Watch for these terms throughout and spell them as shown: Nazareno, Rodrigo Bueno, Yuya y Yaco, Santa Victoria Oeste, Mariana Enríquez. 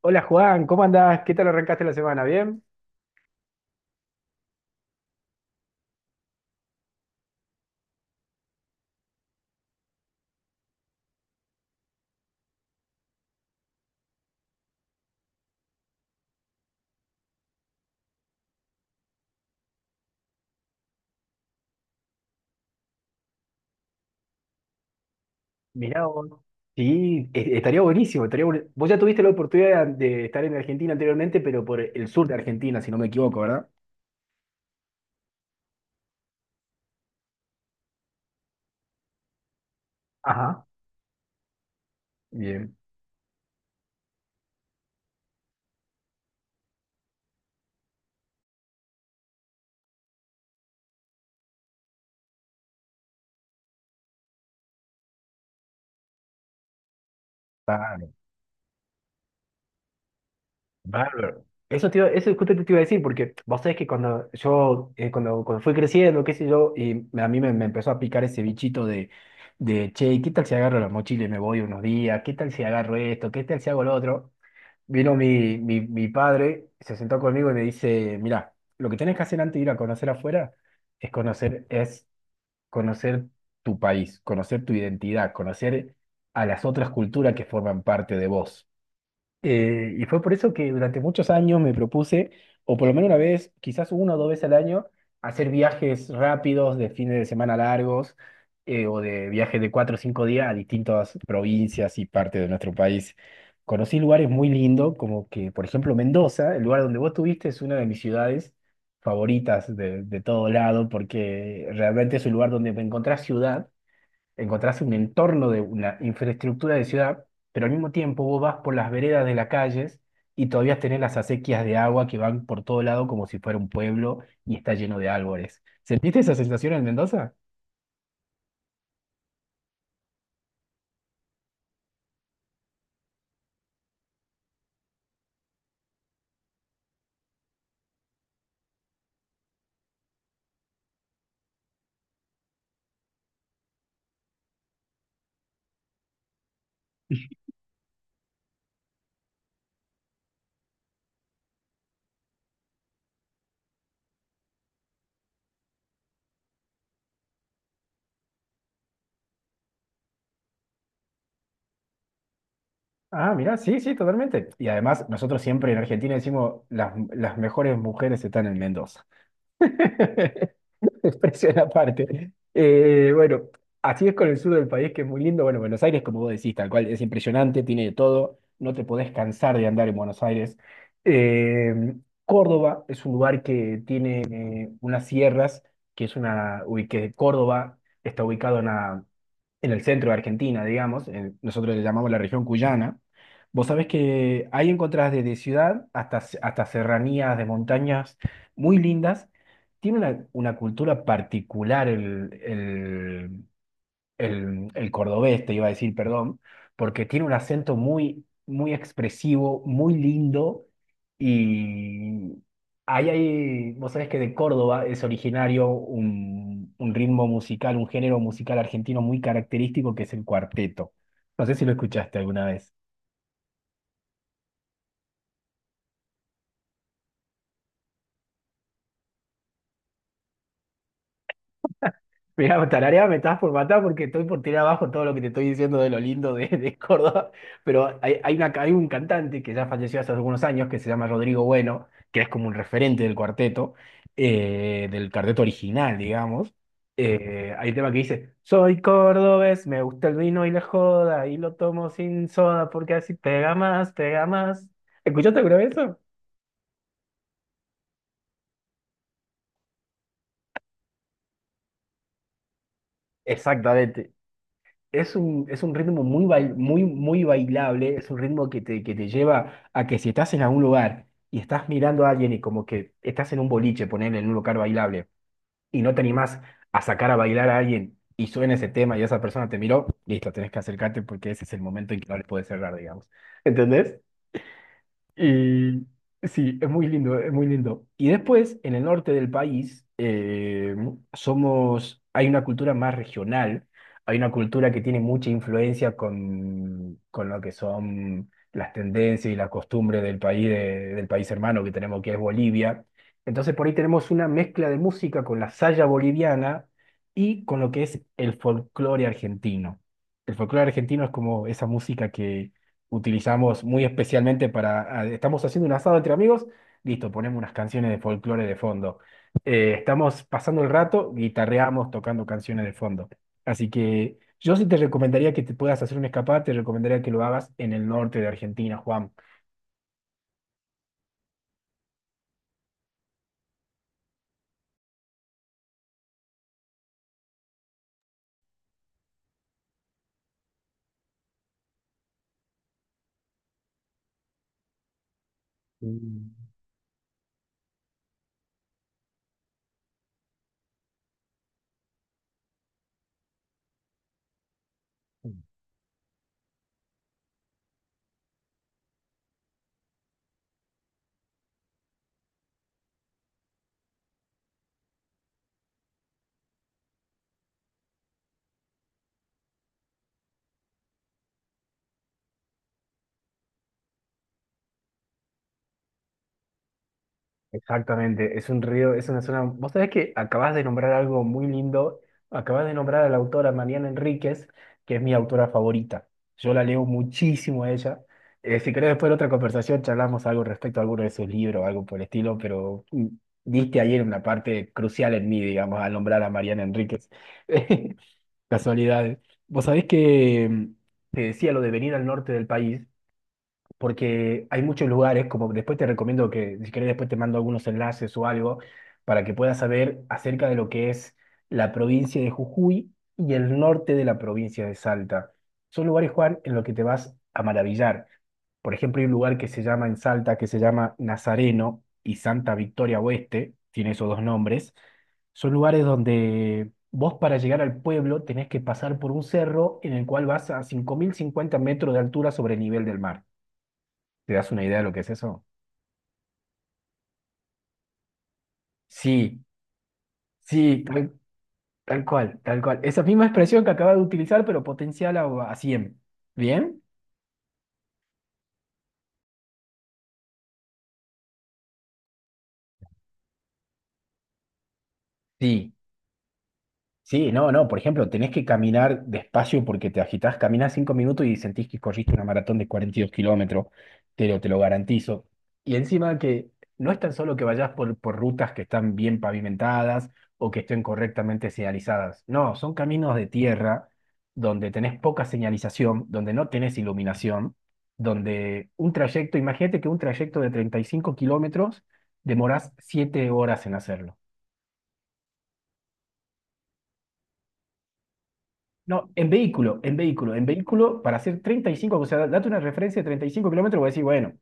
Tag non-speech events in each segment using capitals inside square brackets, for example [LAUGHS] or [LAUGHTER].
Hola Juan, ¿cómo andás? ¿Qué tal arrancaste la semana? ¿Bien? Mirá vos. Sí, estaría buenísimo, vos ya tuviste la oportunidad de estar en Argentina anteriormente, pero por el sur de Argentina, si no me equivoco, ¿verdad? Ajá. Bien. Bárbaro. Bárbaro. Eso, eso justo te iba a decir, porque vos sabés que cuando yo, cuando fui creciendo, qué sé yo, y a mí me empezó a picar ese bichito de, che, ¿qué tal si agarro la mochila y me voy unos días? ¿Qué tal si agarro esto? ¿Qué tal si hago lo otro? Vino mi padre, se sentó conmigo y me dice, mira, lo que tenés que hacer antes de ir a conocer afuera es conocer tu país, conocer tu identidad, conocer a las otras culturas que forman parte de vos. Y fue por eso que durante muchos años me propuse, o por lo menos una vez, quizás una o dos veces al año, hacer viajes rápidos de fines de semana largos o de viajes de cuatro o cinco días a distintas provincias y partes de nuestro país. Conocí lugares muy lindos, como que, por ejemplo, Mendoza, el lugar donde vos estuviste, es una de mis ciudades favoritas de todo lado, porque realmente es un lugar donde me encontrás ciudad encontrás un entorno de una infraestructura de ciudad, pero al mismo tiempo vos vas por las veredas de las calles y todavía tenés las acequias de agua que van por todo lado como si fuera un pueblo y está lleno de árboles. ¿Sentiste esa sensación en Mendoza? Ah, mirá, sí, sí, totalmente. Y además, nosotros siempre en Argentina decimos, las mejores mujeres están en Mendoza. [LAUGHS] [LAUGHS] Expresión aparte. Bueno, así es con el sur del país, que es muy lindo. Bueno, Buenos Aires, como vos decís, tal cual, es impresionante, tiene de todo. No te podés cansar de andar en Buenos Aires. Eh, Córdoba es un lugar que tiene unas sierras, que es una, uy, que Córdoba está ubicado en la en el centro de Argentina, digamos, nosotros le llamamos la región cuyana, vos sabés que ahí encontrás desde ciudad hasta serranías de montañas muy lindas. Tiene una cultura particular el cordobés, te iba a decir, perdón, porque tiene un acento muy, muy expresivo, muy lindo y ahí hay, vos sabés que de Córdoba es originario un ritmo musical, un género musical argentino muy característico que es el cuarteto. No sé si lo escuchaste alguna vez. Mira, Tararea me estás por matar porque estoy por tirar abajo todo lo que te estoy diciendo de lo lindo de Córdoba, pero hay un cantante que ya falleció hace algunos años que se llama Rodrigo Bueno, que es como un referente del cuarteto original, digamos. Hay un tema que dice, soy cordobés, me gusta el vino y la joda, y lo tomo sin soda porque así pega más, pega más. ¿Escuchaste alguna vez eso? Exactamente. Es un ritmo muy, muy, muy bailable, es un ritmo que te lleva a que si estás en algún lugar y estás mirando a alguien y como que estás en un boliche, ponerle en un lugar bailable, y no te animás a sacar a bailar a alguien y suena ese tema y esa persona te miró, listo, tenés que acercarte porque ese es el momento en que no le puedes cerrar, digamos. ¿Entendés? Y sí, es muy lindo, es muy lindo. Y después, en el norte del país, somos, hay una cultura más regional, hay una cultura que tiene mucha influencia con lo que son las tendencias y las costumbres del país, del país hermano que tenemos, que es Bolivia. Entonces, por ahí tenemos una mezcla de música con la saya boliviana y con lo que es el folclore argentino. El folclore argentino es como esa música utilizamos muy especialmente para, estamos haciendo un asado entre amigos, listo, ponemos unas canciones de folclore de fondo. Estamos pasando el rato, guitarreamos tocando canciones de fondo. Así que yo sí te recomendaría que te puedas hacer un escapada, te recomendaría que lo hagas en el norte de Argentina, Juan. Mm. Exactamente, es un río, es una zona. Vos sabés que acabas de nombrar algo muy lindo, acabas de nombrar a la autora Mariana Enríquez, que es mi autora favorita. Yo la leo muchísimo a ella. Si querés, después de otra conversación charlamos algo respecto a alguno de sus libros, algo por el estilo, pero diste ayer una parte crucial en mí, digamos, al nombrar a Mariana Enríquez. [LAUGHS] Casualidades. Vos sabés que te decía lo de venir al norte del país porque hay muchos lugares, como después te recomiendo que, si querés, después te mando algunos enlaces o algo, para que puedas saber acerca de lo que es la provincia de Jujuy y el norte de la provincia de Salta. Son lugares, Juan, en los que te vas a maravillar. Por ejemplo, hay un lugar que se llama en Salta, que se llama Nazareno y Santa Victoria Oeste, tiene esos dos nombres. Son lugares donde vos para llegar al pueblo tenés que pasar por un cerro en el cual vas a 5.050 metros de altura sobre el nivel del mar. ¿Te das una idea de lo que es eso? Sí, sí, tal cual, tal cual. Esa misma expresión que acaba de utilizar, pero potencial a, 100. ¿Bien? Sí. Sí, no, no, por ejemplo, tenés que caminar despacio porque te agitás, caminás cinco minutos y sentís que corriste una maratón de 42 kilómetros, te lo garantizo. Y encima que no es tan solo que vayas por rutas que están bien pavimentadas o que estén correctamente señalizadas, no, son caminos de tierra donde tenés poca señalización, donde no tenés iluminación, donde un trayecto, imagínate que un trayecto de 35 kilómetros demorás 7 horas en hacerlo. No, en vehículo para hacer 35, o sea, date una referencia de 35 kilómetros, voy a decir, bueno,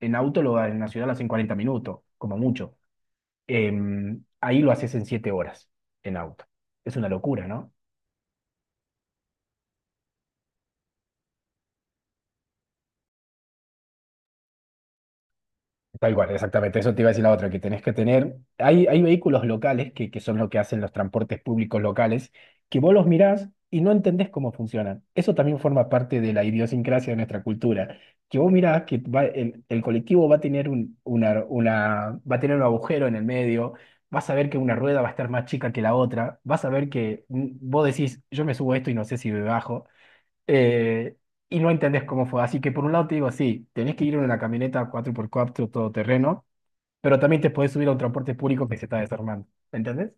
en auto lo, en la ciudad lo haces en 40 minutos, como mucho. Ahí lo haces en 7 horas, en auto. Es una locura, ¿no? Tal cual, exactamente. Eso te iba a decir la otra, que tenés que tener. Hay vehículos locales que son lo que hacen los transportes públicos locales, que vos los mirás y no entendés cómo funcionan. Eso también forma parte de la idiosincrasia de nuestra cultura. Que vos mirás que el colectivo va a tener va a tener un agujero en el medio, vas a ver que una rueda va a estar más chica que la otra, vas a ver que vos decís, yo me subo a esto y no sé si me bajo eh, y no entendés cómo fue. Así que por un lado te digo, sí, tenés que ir en una camioneta 4x4 todoterreno, pero también te podés subir a un transporte público que se está desarmando. ¿Entendés?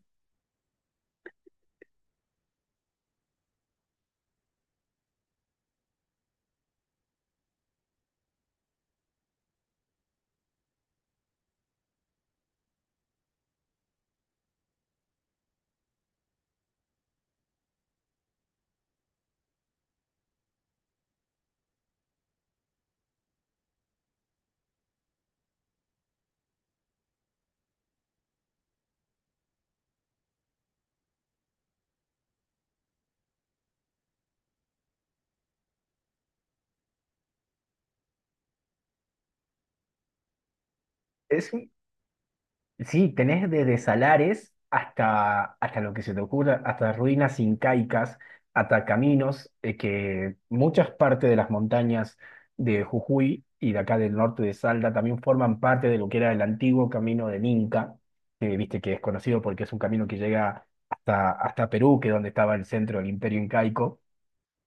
Es, sí, tenés desde salares hasta lo que se te ocurra, hasta ruinas incaicas, hasta caminos que muchas partes de las montañas de Jujuy y de acá del norte de Salta también forman parte de lo que era el antiguo camino del Inca, que viste que es conocido porque es un camino que llega hasta Perú, que es donde estaba el centro del Imperio Incaico.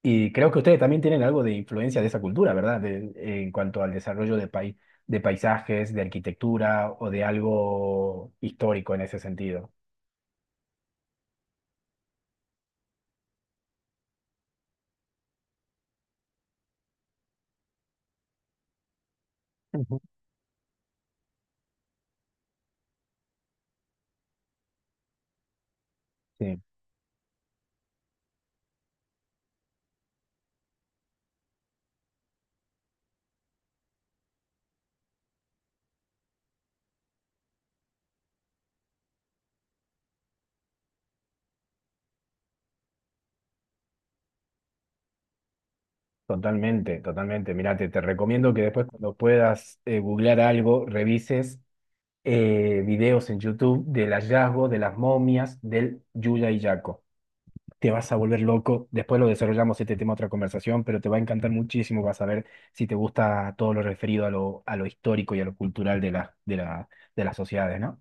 Y creo que ustedes también tienen algo de influencia de esa cultura, ¿verdad? En cuanto al desarrollo de de paisajes, de arquitectura o de algo histórico en ese sentido. Ujú. Sí, totalmente, totalmente. Mirá, te recomiendo que después cuando puedas googlear algo, revises videos en YouTube del hallazgo de las momias del Yuya y Yaco. Te vas a volver loco. Después lo desarrollamos este tema, otra conversación, pero te va a encantar muchísimo. Vas a ver si te gusta todo lo referido a lo histórico y a lo cultural de de las sociedades, ¿no?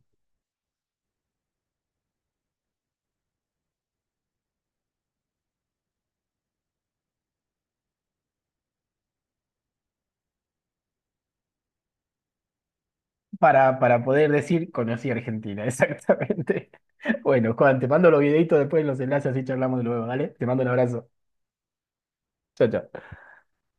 Para poder decir, conocí Argentina, [LAUGHS] exactamente. Bueno, Juan, te mando los videitos después los enlaces, así charlamos luego, ¿vale? Te mando un abrazo. Chao, chao.